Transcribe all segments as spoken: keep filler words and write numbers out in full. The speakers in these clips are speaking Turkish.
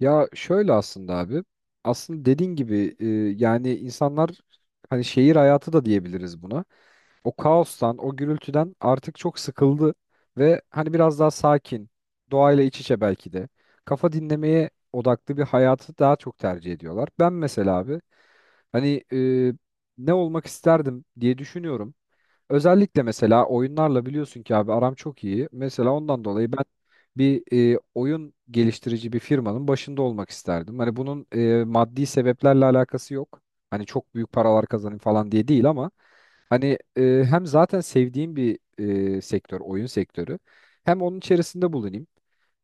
Ya şöyle aslında abi. Aslında dediğin gibi e, yani insanlar hani şehir hayatı da diyebiliriz buna. O kaostan, o gürültüden artık çok sıkıldı ve hani biraz daha sakin, doğayla iç içe belki de kafa dinlemeye odaklı bir hayatı daha çok tercih ediyorlar. Ben mesela abi hani e, ne olmak isterdim diye düşünüyorum. Özellikle mesela oyunlarla biliyorsun ki abi aram çok iyi. Mesela ondan dolayı ben bir e, oyun geliştirici bir firmanın başında olmak isterdim. Hani bunun e, maddi sebeplerle alakası yok. Hani çok büyük paralar kazanayım falan diye değil ama hani e, hem zaten sevdiğim bir e, sektör, oyun sektörü. Hem onun içerisinde bulunayım.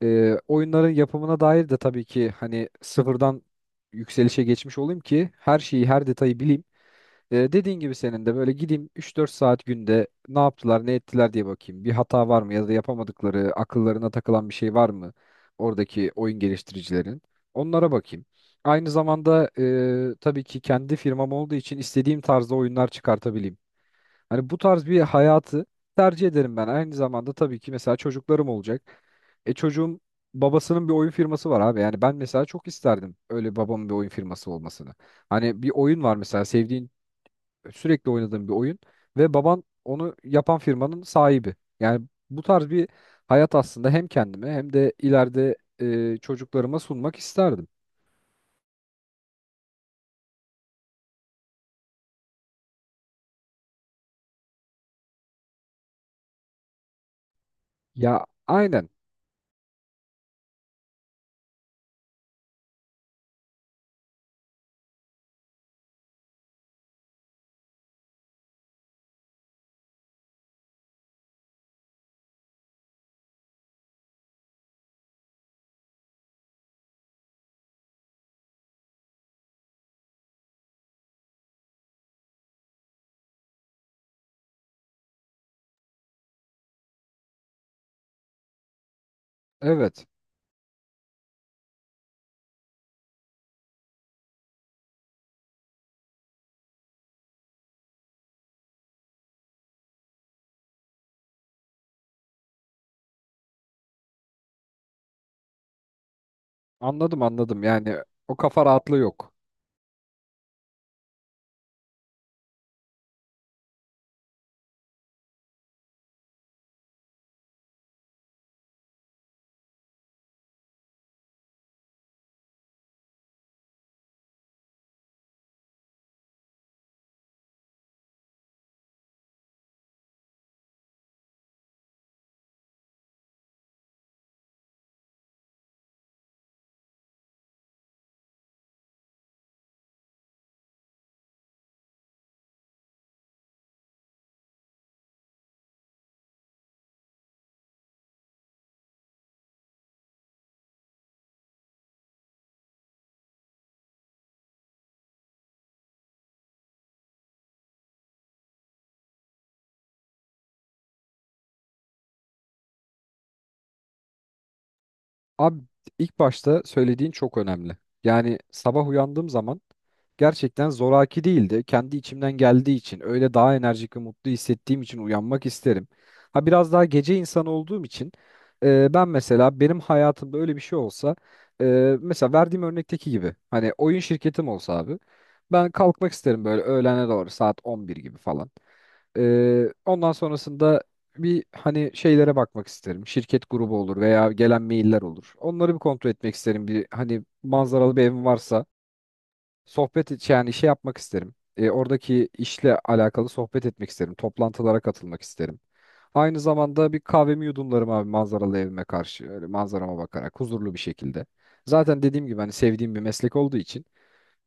E, oyunların yapımına dair de tabii ki hani sıfırdan yükselişe geçmiş olayım ki her şeyi, her detayı bileyim. E, dediğin gibi senin de böyle gideyim üç dört saat günde ne yaptılar ne ettiler diye bakayım. Bir hata var mı ya da yapamadıkları akıllarına takılan bir şey var mı oradaki oyun geliştiricilerin? Onlara bakayım. Aynı zamanda e, tabii ki kendi firmam olduğu için istediğim tarzda oyunlar çıkartabileyim. Hani bu tarz bir hayatı tercih ederim ben. Aynı zamanda tabii ki mesela çocuklarım olacak. E çocuğum babasının bir oyun firması var abi. Yani ben mesela çok isterdim öyle babamın bir oyun firması olmasını. Hani bir oyun var mesela sevdiğin sürekli oynadığım bir oyun ve baban onu yapan firmanın sahibi. Yani bu tarz bir hayat aslında hem kendime hem de ileride e, çocuklarıma sunmak isterdim. Ya aynen evet, anladım anladım yani o kafa rahatlığı yok. Abi ilk başta söylediğin çok önemli. Yani sabah uyandığım zaman gerçekten zoraki değildi. Kendi içimden geldiği için öyle daha enerjik ve mutlu hissettiğim için uyanmak isterim. Ha biraz daha gece insanı olduğum için e, ben mesela benim hayatımda öyle bir şey olsa e, mesela verdiğim örnekteki gibi hani oyun şirketim olsa abi ben kalkmak isterim böyle öğlene doğru saat on bir gibi falan. E, ondan sonrasında bir hani şeylere bakmak isterim. Şirket grubu olur veya gelen mailler olur. Onları bir kontrol etmek isterim. Bir hani manzaralı bir evim varsa sohbet et- yani şey yapmak isterim. E, oradaki işle alakalı sohbet etmek isterim. Toplantılara katılmak isterim. Aynı zamanda bir kahvemi yudumlarım abi manzaralı evime karşı. Öyle manzarama bakarak huzurlu bir şekilde. Zaten dediğim gibi hani sevdiğim bir meslek olduğu için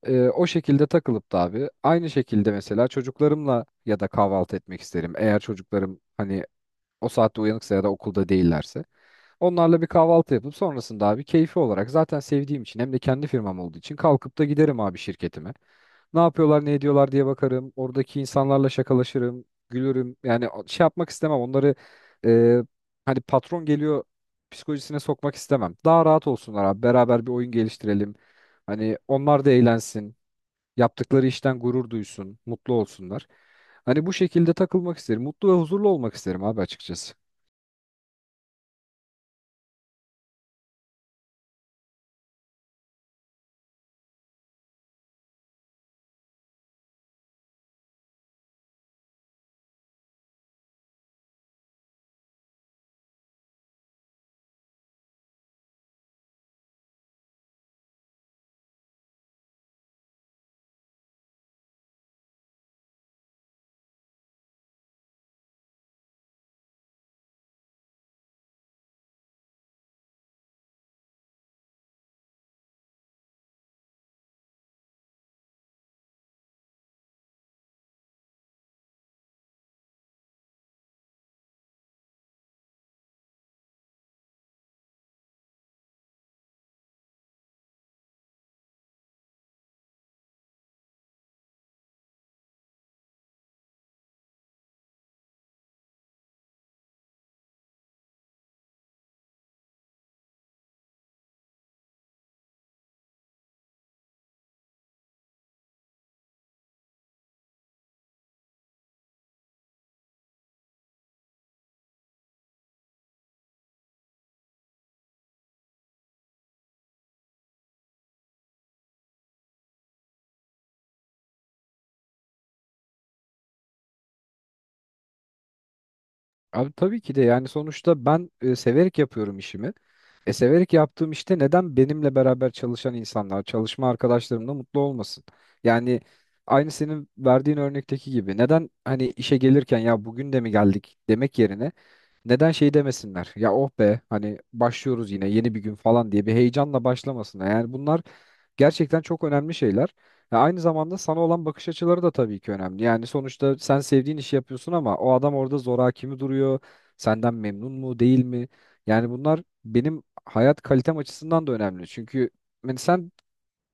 e, o şekilde takılıp da abi aynı şekilde mesela çocuklarımla ya da kahvaltı etmek isterim. Eğer çocuklarım hani o saatte uyanıksa ya da okulda değillerse. Onlarla bir kahvaltı yapıp sonrasında abi keyfi olarak zaten sevdiğim için hem de kendi firmam olduğu için kalkıp da giderim abi şirketime. Ne yapıyorlar ne ediyorlar diye bakarım. Oradaki insanlarla şakalaşırım, gülürüm. Yani şey yapmak istemem onları e, hani patron geliyor psikolojisine sokmak istemem. Daha rahat olsunlar abi beraber bir oyun geliştirelim. Hani onlar da eğlensin. Yaptıkları işten gurur duysun, mutlu olsunlar. Hani bu şekilde takılmak isterim. Mutlu ve huzurlu olmak isterim abi açıkçası. Abi tabii ki de yani sonuçta ben e, severek yapıyorum işimi. E severek yaptığım işte neden benimle beraber çalışan insanlar, çalışma arkadaşlarım da mutlu olmasın? Yani aynı senin verdiğin örnekteki gibi neden hani işe gelirken ya bugün de mi geldik demek yerine neden şey demesinler? Ya oh be hani başlıyoruz yine yeni bir gün falan diye bir heyecanla başlamasınlar. Yani bunlar gerçekten çok önemli şeyler. Ve aynı zamanda sana olan bakış açıları da tabii ki önemli. Yani sonuçta sen sevdiğin işi yapıyorsun ama o adam orada zoraki mi duruyor? Senden memnun mu değil mi? Yani bunlar benim hayat kalitem açısından da önemli. Çünkü yani sen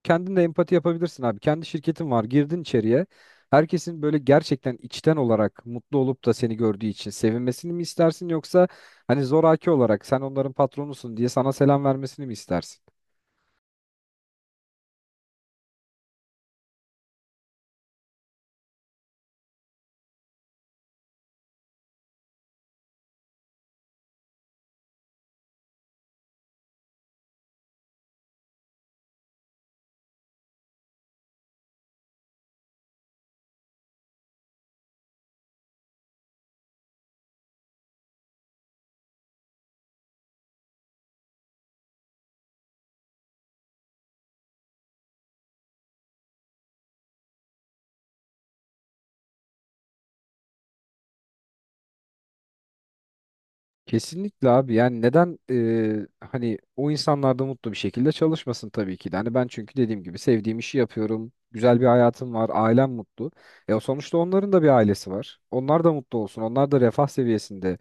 kendin de empati yapabilirsin abi. Kendi şirketin var. Girdin içeriye. Herkesin böyle gerçekten içten olarak mutlu olup da seni gördüğü için sevinmesini mi istersin yoksa hani zoraki olarak sen onların patronusun diye sana selam vermesini mi istersin? Kesinlikle abi yani neden e, hani o insanlar da mutlu bir şekilde çalışmasın tabii ki de. Hani ben çünkü dediğim gibi sevdiğim işi yapıyorum. Güzel bir hayatım var, ailem mutlu. E o sonuçta onların da bir ailesi var. Onlar da mutlu olsun. Onlar da refah seviyesinde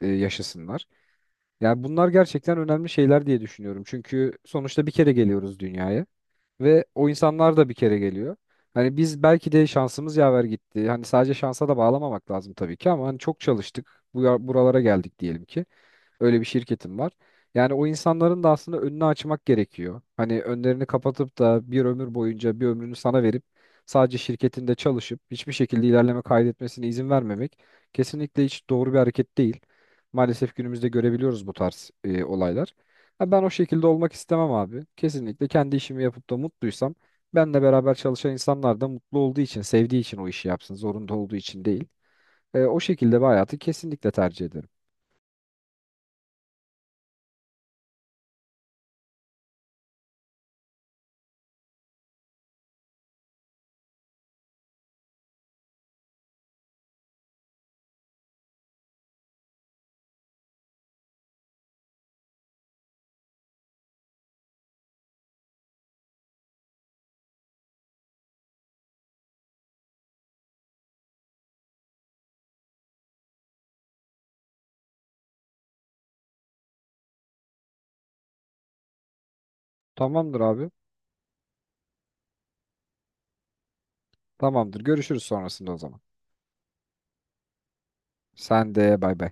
e, yaşasınlar. Yani bunlar gerçekten önemli şeyler diye düşünüyorum. Çünkü sonuçta bir kere geliyoruz dünyaya ve o insanlar da bir kere geliyor. Hani biz belki de şansımız yaver gitti. Hani sadece şansa da bağlamamak lazım tabii ki ama hani çok çalıştık. Bu buralara geldik diyelim ki. Öyle bir şirketim var. Yani o insanların da aslında önünü açmak gerekiyor. Hani önlerini kapatıp da bir ömür boyunca bir ömrünü sana verip sadece şirketinde çalışıp hiçbir şekilde ilerleme kaydetmesine izin vermemek kesinlikle hiç doğru bir hareket değil. Maalesef günümüzde görebiliyoruz bu tarz e, olaylar. Ha, ben o şekilde olmak istemem abi. Kesinlikle kendi işimi yapıp da mutluysam benle beraber çalışan insanlar da mutlu olduğu için, sevdiği için o işi yapsın, zorunda olduğu için değil. E, o şekilde bir hayatı kesinlikle tercih ederim. Tamamdır abi. Tamamdır. Görüşürüz sonrasında o zaman. Sen de bay bay.